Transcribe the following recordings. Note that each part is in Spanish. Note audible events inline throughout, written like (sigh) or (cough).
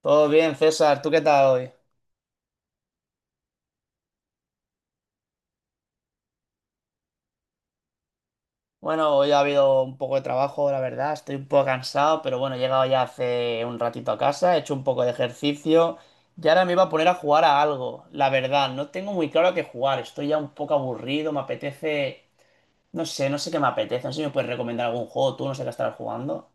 Todo bien, César. ¿Tú qué tal hoy? Bueno, hoy ha habido un poco de trabajo, la verdad. Estoy un poco cansado, pero bueno, he llegado ya hace un ratito a casa, he hecho un poco de ejercicio y ahora me iba a poner a jugar a algo. La verdad, no tengo muy claro a qué jugar. Estoy ya un poco aburrido, me apetece. No sé qué me apetece. No sé si me puedes recomendar algún juego. Tú no sé qué estarás jugando.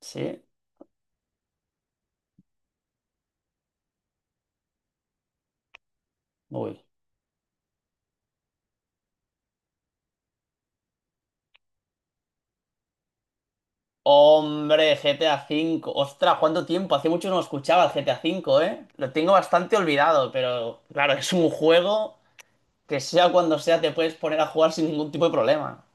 ¿Sí? Uy. Hombre, GTA V. Ostras, ¿cuánto tiempo? Hace mucho no escuchaba el GTA V, ¿eh? Lo tengo bastante olvidado, pero claro, es un juego. Que sea cuando sea, te puedes poner a jugar sin ningún tipo de problema.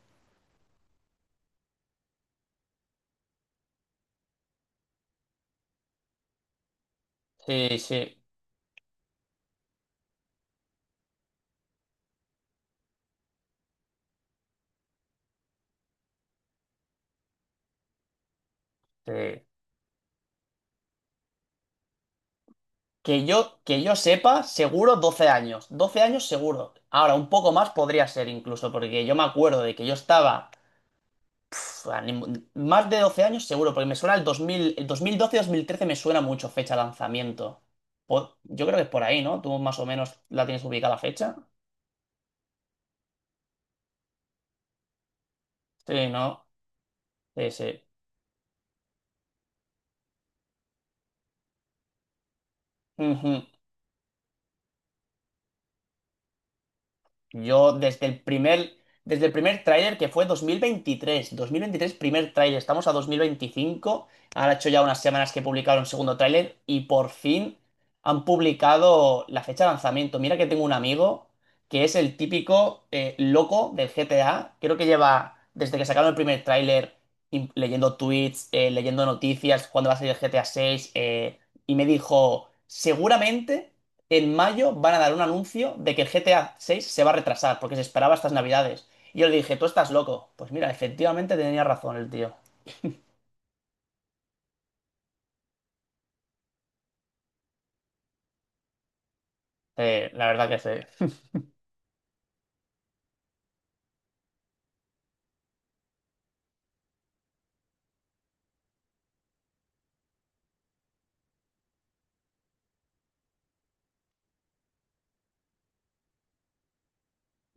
Sí, sí, sí. Que yo sepa, seguro 12 años. 12 años seguro. Ahora, un poco más podría ser incluso, porque yo me acuerdo de que yo estaba pf, a ni- más de 12 años seguro, porque me suena el dos dos mil doce 2013 me suena mucho fecha de lanzamiento. Yo creo que es por ahí, ¿no? Tú más o menos la tienes ubicada la fecha. Sí, ¿no? Sí, sí. Ujú. Yo desde el primer tráiler que fue 2023 primer tráiler, estamos a 2025, han hecho ya unas semanas que publicaron el segundo tráiler y por fin han publicado la fecha de lanzamiento. Mira que tengo un amigo que es el típico loco del GTA, creo que lleva desde que sacaron el primer tráiler leyendo tweets, leyendo noticias, cuándo va a salir el GTA 6. Y me dijo, seguramente en mayo van a dar un anuncio de que el GTA 6 se va a retrasar porque se esperaba estas navidades. Y yo le dije, tú estás loco. Pues mira, efectivamente tenía razón el tío. La verdad que sí.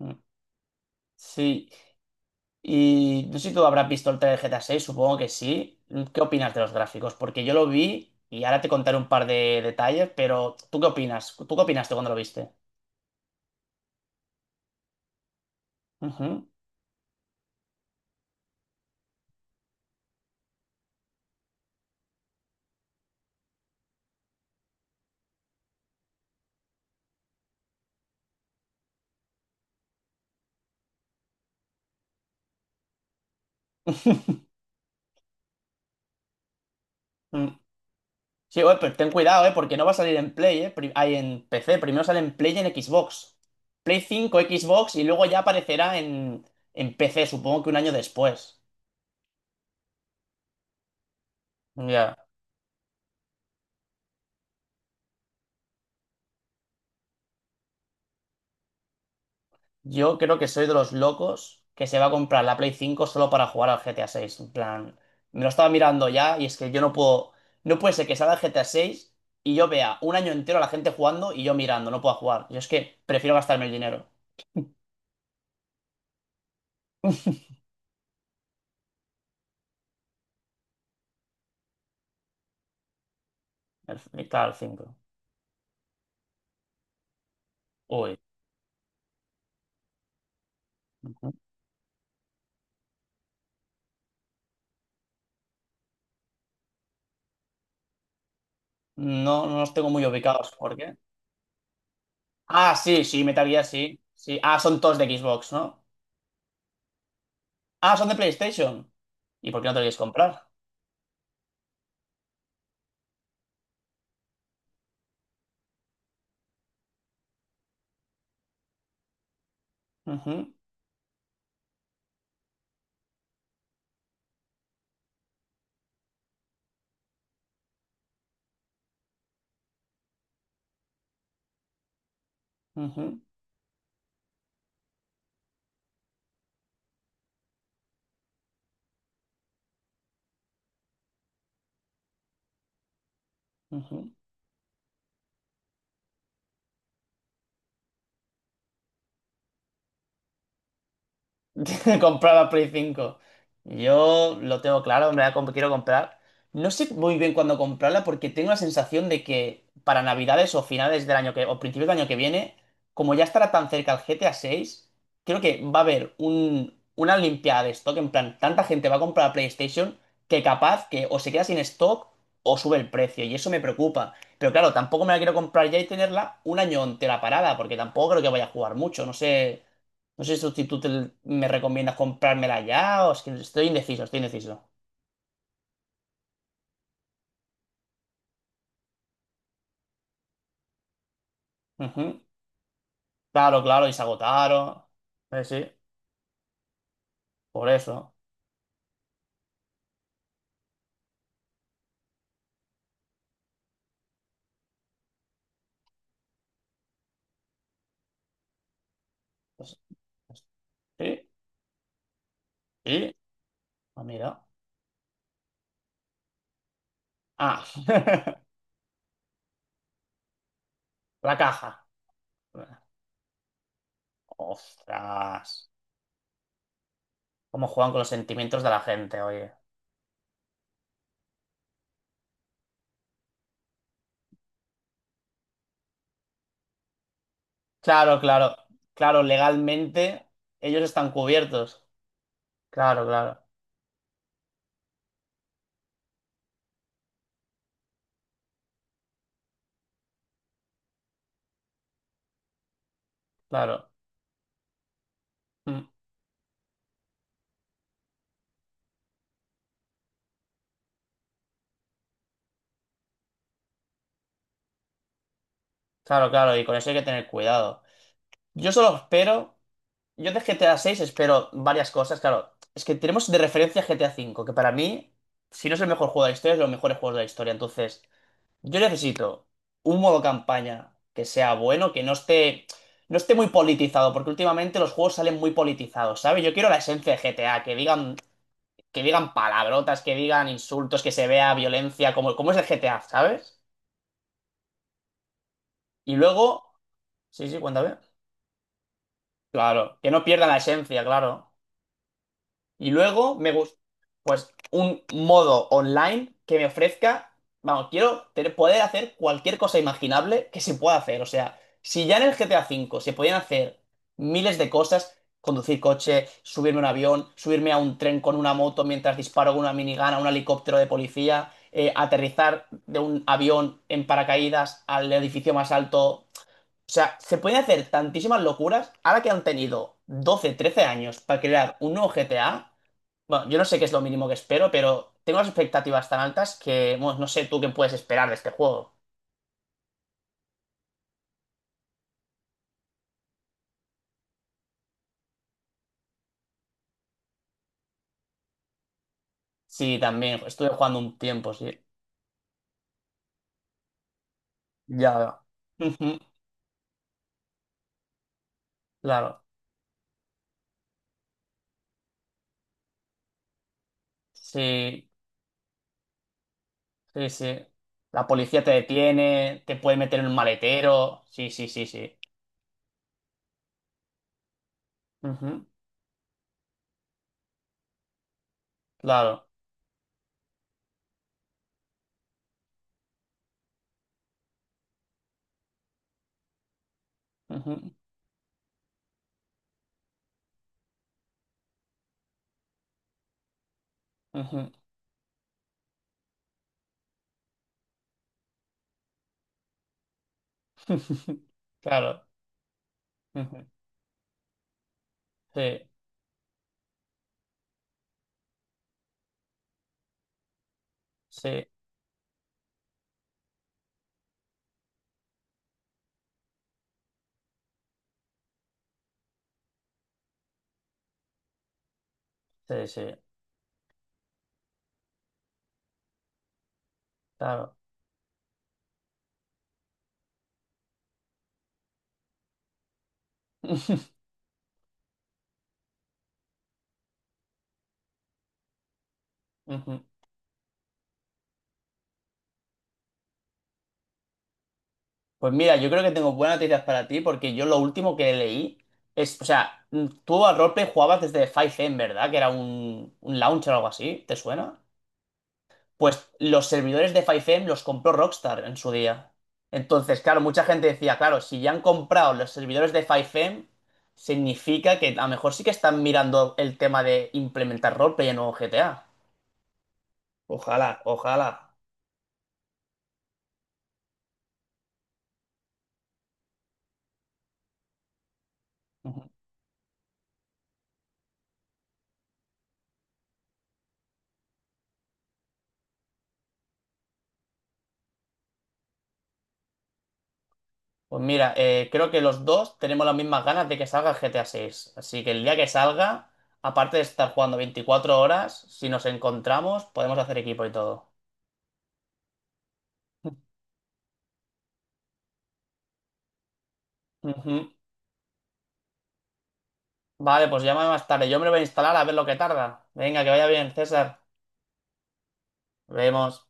Mm. Sí. Y no sé si tú habrás visto el trailer de GTA 6, supongo que sí. ¿Qué opinas de los gráficos? Porque yo lo vi y ahora te contaré un par de detalles, pero ¿tú qué opinas? ¿Tú qué opinaste cuando lo viste? Ujú. (laughs) Sí, oye, pues ten cuidado, ¿eh? Porque no va a salir en Play, ¿eh? En PC. Primero sale en Play y en Xbox. Play 5, Xbox y luego ya aparecerá en, PC, supongo que un año después. Ya. Yo creo que soy de los locos que se va a comprar la Play 5 solo para jugar al GTA 6. En plan, me lo estaba mirando ya y es que yo no puedo. No puede ser que salga el GTA 6 y yo vea un año entero a la gente jugando y yo mirando, no puedo jugar. Yo es que prefiero gastarme el dinero. El, claro, el 5. Uy. No, no los tengo muy ubicados. ¿Por qué? Ah, sí, sí, Metal Gear, sí. Sí. Ah, son todos de Xbox, ¿no? Ah, son de PlayStation. ¿Y por qué no te lo quieres comprar? Ujú, ujú, ujú. (laughs) Comprar la Play cinco. Yo lo tengo claro, quiero comprar. No sé muy bien cuándo comprarla porque tengo la sensación de que para Navidades o finales del año que o principios del año que viene, como ya estará tan cerca el GTA 6, creo que va a haber una limpiada de stock. En plan, tanta gente va a comprar la PlayStation que capaz que o se queda sin stock o sube el precio y eso me preocupa. Pero claro, tampoco me la quiero comprar ya y tenerla un año entera parada porque tampoco creo que vaya a jugar mucho. No sé. No sé si tú me recomiendas comprármela ya, o es que estoy indeciso, estoy indeciso. Ujú. Claro, claro, y se agotaron. Sí, por eso. Pues, pues, sí, sí. Ah, mira. Ah, (laughs) la caja. Ostras. ¿Cómo juegan con los sentimientos de la gente, oye? Claro, claro, claro, legalmente ellos están cubiertos. Claro, claro, claro. Mm, Claro, claro, y con eso hay que tener cuidado. Yo solo espero Yo de GTA 6 espero varias cosas, claro. Es que tenemos de referencia GTA 5, que para mí, si no es el mejor juego de la historia, es de los mejores juegos de la historia. Entonces, yo necesito un modo campaña que sea bueno, que no esté muy politizado, porque últimamente los juegos salen muy politizados, ¿sabes? Yo quiero la esencia de GTA, que digan, palabrotas, que digan insultos, que se vea violencia, como es el GTA, ¿sabes? Y luego, sí, sí, cuéntame. Claro, que no pierdan la esencia, claro. Y luego me gusta, pues, un modo online que me ofrezca, vamos, poder hacer cualquier cosa imaginable que se pueda hacer. O sea, si ya en el GTA V se podían hacer miles de cosas, conducir coche, subirme a un avión, subirme a un tren con una moto mientras disparo con una minigun a un helicóptero de policía, aterrizar de un avión en paracaídas al edificio más alto. O sea, se pueden hacer tantísimas locuras ahora que han tenido 12 13 años para crear un nuevo GTA. Bueno, yo no sé qué es lo mínimo que espero, pero tengo las expectativas tan altas que, bueno, no sé tú qué puedes esperar de este juego. Sí, también, estuve jugando un tiempo, sí. Ya veo. Ujú, claro, sí, sí, sí. La policía te detiene, te puede meter en un maletero. Sí, sí, sí, sí. Ujú, claro. Ujú, ujú. (laughs) Claro. Ujú, sí, sí, sí, sí, claro. (laughs) Ujú. Pues mira, yo creo que tengo buenas noticias para ti porque yo lo último que leí o sea, tú al roleplay jugabas desde 5M, ¿verdad? Que era un launcher o algo así, ¿te suena? Pues los servidores de 5M los compró Rockstar en su día. Entonces, claro, mucha gente decía, claro, si ya han comprado los servidores de 5M, significa que a lo mejor sí que están mirando el tema de implementar roleplay en nuevo GTA. Ojalá, ojalá. Pues mira, creo que los dos tenemos las mismas ganas de que salga el GTA 6. Así que el día que salga, aparte de estar jugando 24 horas, si nos encontramos, podemos hacer equipo y todo. Ujú. Vale, pues llámame más tarde. Yo me lo voy a instalar a ver lo que tarda. Venga, que vaya bien, César. Nos vemos.